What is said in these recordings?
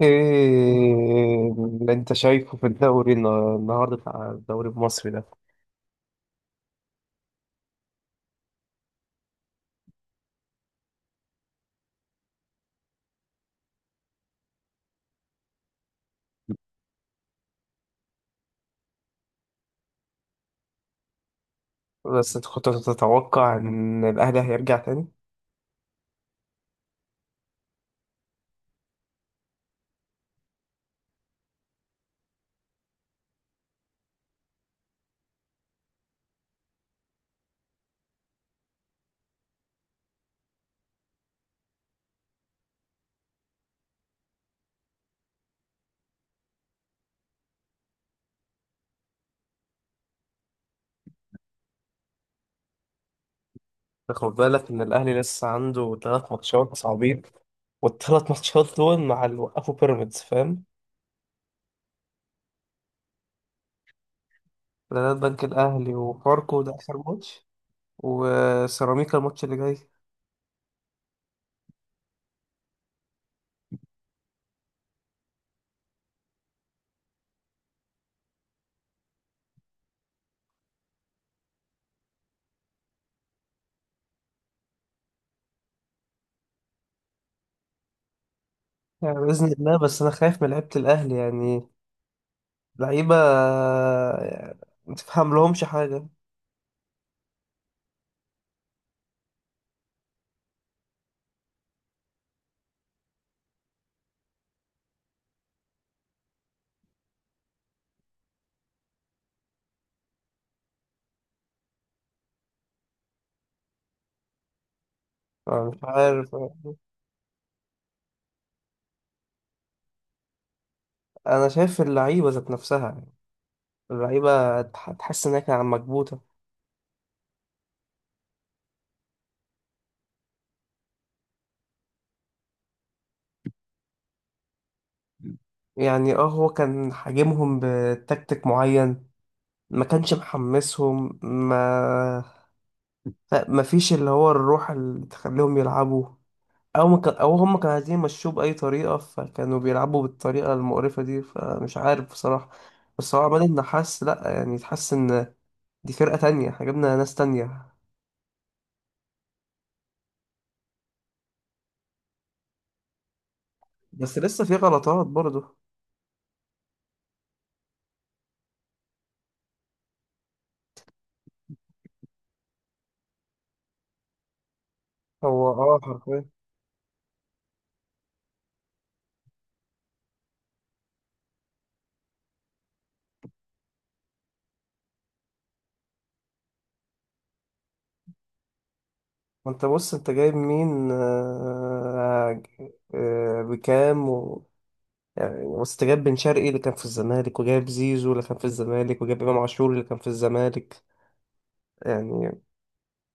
ايه اللي انت شايفه في الدوري النهارده بتاع الدوري المصري ده؟ بس انت كنت تتوقع ان الاهلي هيرجع تاني؟ خد بالك ان الاهلي لسه عنده 3 ماتشات صعبين، والثلاث ماتشات دول مع اللي وقفوا بيراميدز، فاهم؟ بلد بنك الاهلي وفاركو ده اخر ماتش، وسيراميكا الماتش اللي جاي. يعني باذن الله، بس انا خايف من لعيبه الاهلي يعني. لعيبه يعني ما تفهم لهمش حاجه. أنا مش عارف. انا شايف اللعيبه ذات نفسها. اللعيبة تحس إنها كانت مكبوتة. يعني اه، هو كان حاجمهم بتكتيك معين، ما كانش محمسهم، ما فيش اللي هو الروح اللي تخليهم يلعبوا، او ما كان، او هم كانوا عايزين يمشوه بأي طريقة، فكانوا بيلعبوا بالطريقة المقرفة دي، فمش عارف بصراحة. بس هو عماد النحاس لا، يعني تحس ان دي فرقة تانية، احنا جبنا ناس تانية. بس لسه في غلطات برضه. هو اه، حرفيا. وانت بص، انت جايب مين بكام و... يعني بص، انت جايب بن شرقي اللي كان في الزمالك، وجايب زيزو اللي كان في الزمالك، وجايب امام عاشور اللي كان في الزمالك، يعني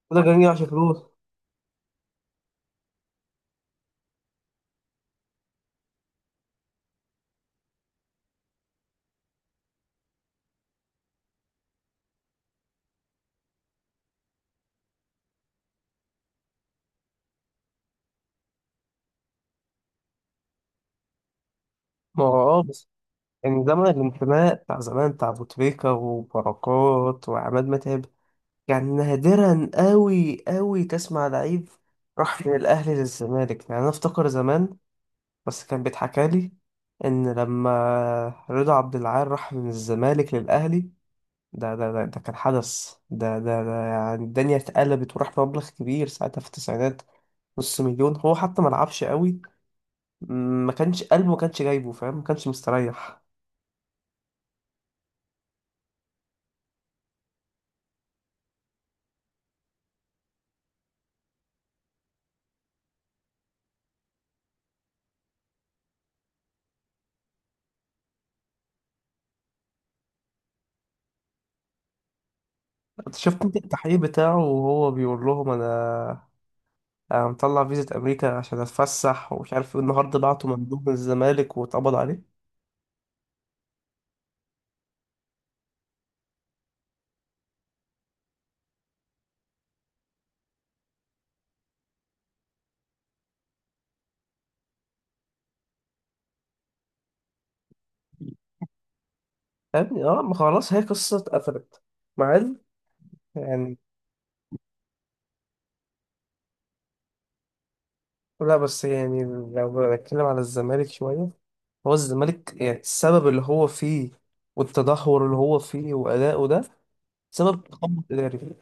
كل ده جميل عشان فلوس. ما هو اه. بس يعني زمن الانتماء بتاع زمان، بتاع ابو تريكة وبركات وعماد متعب، يعني نادرا قوي قوي تسمع لعيب راح من الاهلي للزمالك. يعني انا افتكر زمان، بس كان بيتحكى لي ان لما رضا عبد العال راح من الزمالك للاهلي، ده كان حدث، ده يعني الدنيا اتقلبت، وراح مبلغ كبير ساعتها في التسعينات، نص مليون. هو حتى ما لعبش قوي، ما كانش قلبه، ما كانش جايبه فاهم، ما كانش مستريح. شفت انت التحقيق بتاعه وهو بيقول لهم: انا مطلع فيزا امريكا عشان اتفسح ومش عارف ايه، النهارده بعته مندوب من الزمالك واتقبض عليه. فاهمني؟ اه، ما خلاص، هي قصه اتقفلت، مع إن يعني. لا بس يعني، لو بنتكلم على الزمالك شوية، هو الزمالك يعني السبب اللي هو فيه والتدهور اللي هو فيه وأداؤه ده سبب تخبط إداري.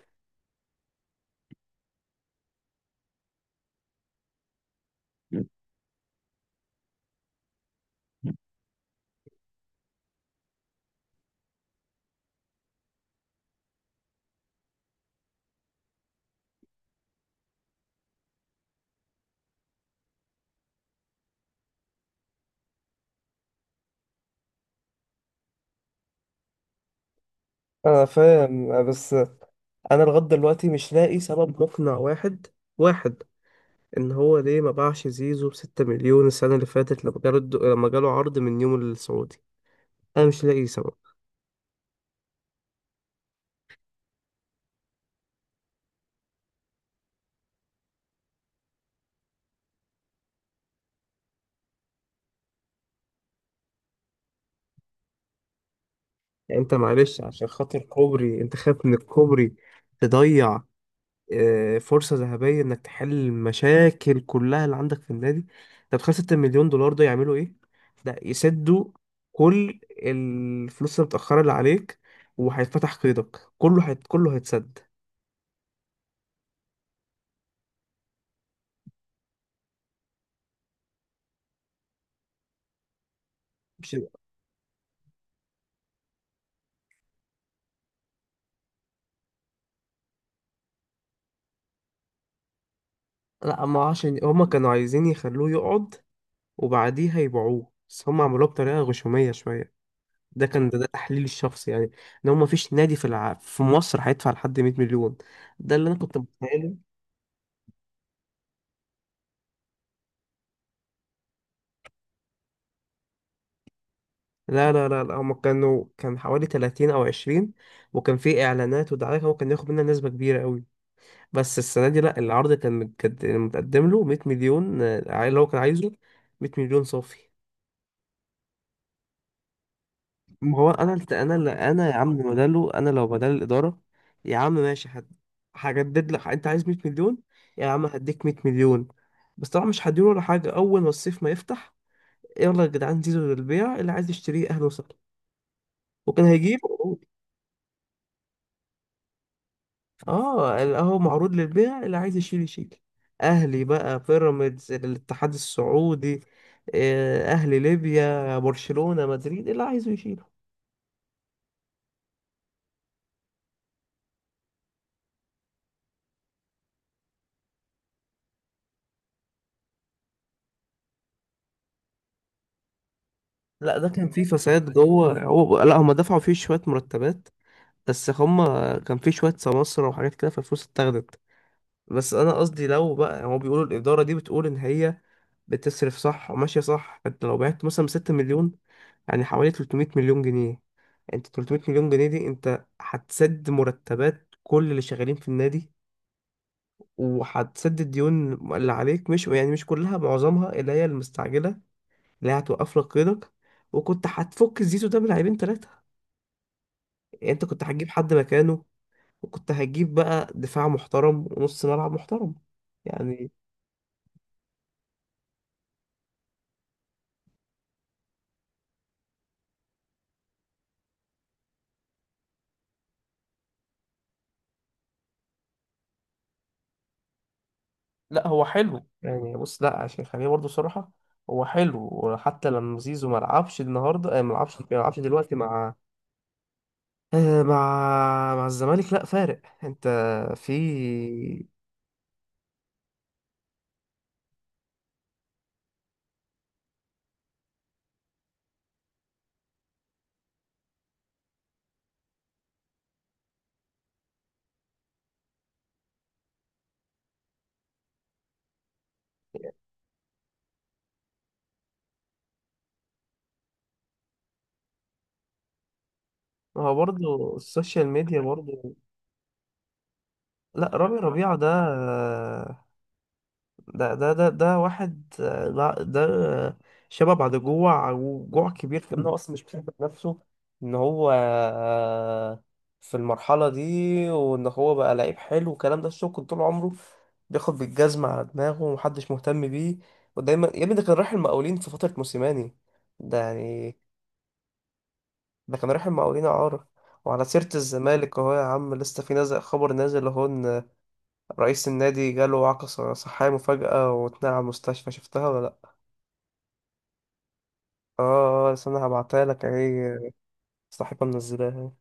أنا فاهم، بس أنا لغاية دلوقتي مش لاقي سبب مقنع واحد، إن هو ليه ما باعش زيزو بستة مليون السنة اللي فاتت، لما جاله عرض من نيوم السعودي. أنا مش لاقي سبب. يعني أنت معلش، عشان خاطر كوبري أنت خايف من الكوبري تضيع فرصة ذهبية انك تحل المشاكل كلها اللي عندك في النادي؟ طب 5 مليون دولار ده يعملوا ايه؟ ده يسدوا كل الفلوس المتأخرة اللي عليك، وهيتفتح قيدك، كله هيتسد. مش. لا، ما عشان هما كانوا عايزين يخلوه يقعد وبعديها يبيعوه، بس هما عملوها بطريقة غشومية شوية. ده كان ده تحليلي الشخصي يعني، ان هو مفيش نادي في في مصر هيدفع لحد 100 مليون، ده اللي انا كنت متخيله. لا لا لا لا، هما كانوا كان حوالي 30 او 20، وكان في اعلانات ودعايات هو كان ياخد منها نسبة كبيرة قوي، بس السنة دي لا، العرض كان كان متقدم له 100 مليون، اللي هو كان عايزه، 100 مليون صافي. ما هو انا الت- انا اللي انا يا عم، بداله، انا لو بدل الإدارة، يا عم ماشي، هجدد لك، انت عايز 100 مليون، يا عم هديك 100 مليون. بس طبعا مش هديله ولا حاجة، اول ما الصيف ما يفتح: يلا يا جدعان، زيزو للبيع، اللي عايز يشتريه اهلا وسهلا، وكان هيجيب. اه، اهو معروض للبيع، اللي عايز يشيل يشيل، اهلي بقى، بيراميدز، الاتحاد السعودي، اهلي ليبيا، برشلونة، مدريد، اللي عايزه يشيله. لا، ده كان فيه فساد جوه، هو لا، هم دفعوا فيه شوية مرتبات، بس هم كان فيه شوية سماسرة وحاجات كده، فالفلوس اتاخدت. بس انا قصدي، لو بقى هو بيقولوا الادارة دي بتقول ان هي بتصرف صح وماشية صح، انت لو بعت مثلا 6 مليون، يعني حوالي 300 مليون جنيه، انت 300 مليون جنيه دي انت هتسد مرتبات كل اللي شغالين في النادي، وهتسد الديون اللي عليك، مش يعني مش كلها، معظمها اللي هي المستعجلة، اللي هي هتوقف لك قيدك، وكنت هتفك الزيزو ده بلاعبين 3، يعني انت كنت هتجيب حد مكانه، وكنت هتجيب بقى دفاع محترم ونص ملعب محترم، يعني. لا هو حلو يعني، بص، لا عشان خليني برضه صراحة، هو حلو، وحتى لما زيزو ما لعبش النهارده، ما لعبش دلوقتي مع، مع الزمالك، لا فارق، انت في. ما هو برضه السوشيال ميديا برضه. لا، رامي ربيعة ده، ده واحد، لا، ده شبه بعد جوع، وجوع كبير في انه اصلا مش بيحب نفسه، ان هو في المرحلة دي، وان هو بقى لعيب حلو والكلام ده، الشغل طول عمره بياخد بالجزمة على دماغه ومحدش مهتم بيه. ودايما يا ابني، ده كان رايح المقاولين في فترة موسيماني، ده يعني، ده كان رايح المقاولين إعارة. وعلى سيرة الزمالك أهو، يا عم لسه في نازل خبر، نازل أهو، إن رئيس النادي جاله عقد صحية مفاجأة واتنقل على المستشفى، شفتها ولا لأ؟ آه، استنى هبعتها لك أهي، صاحبها منزلاها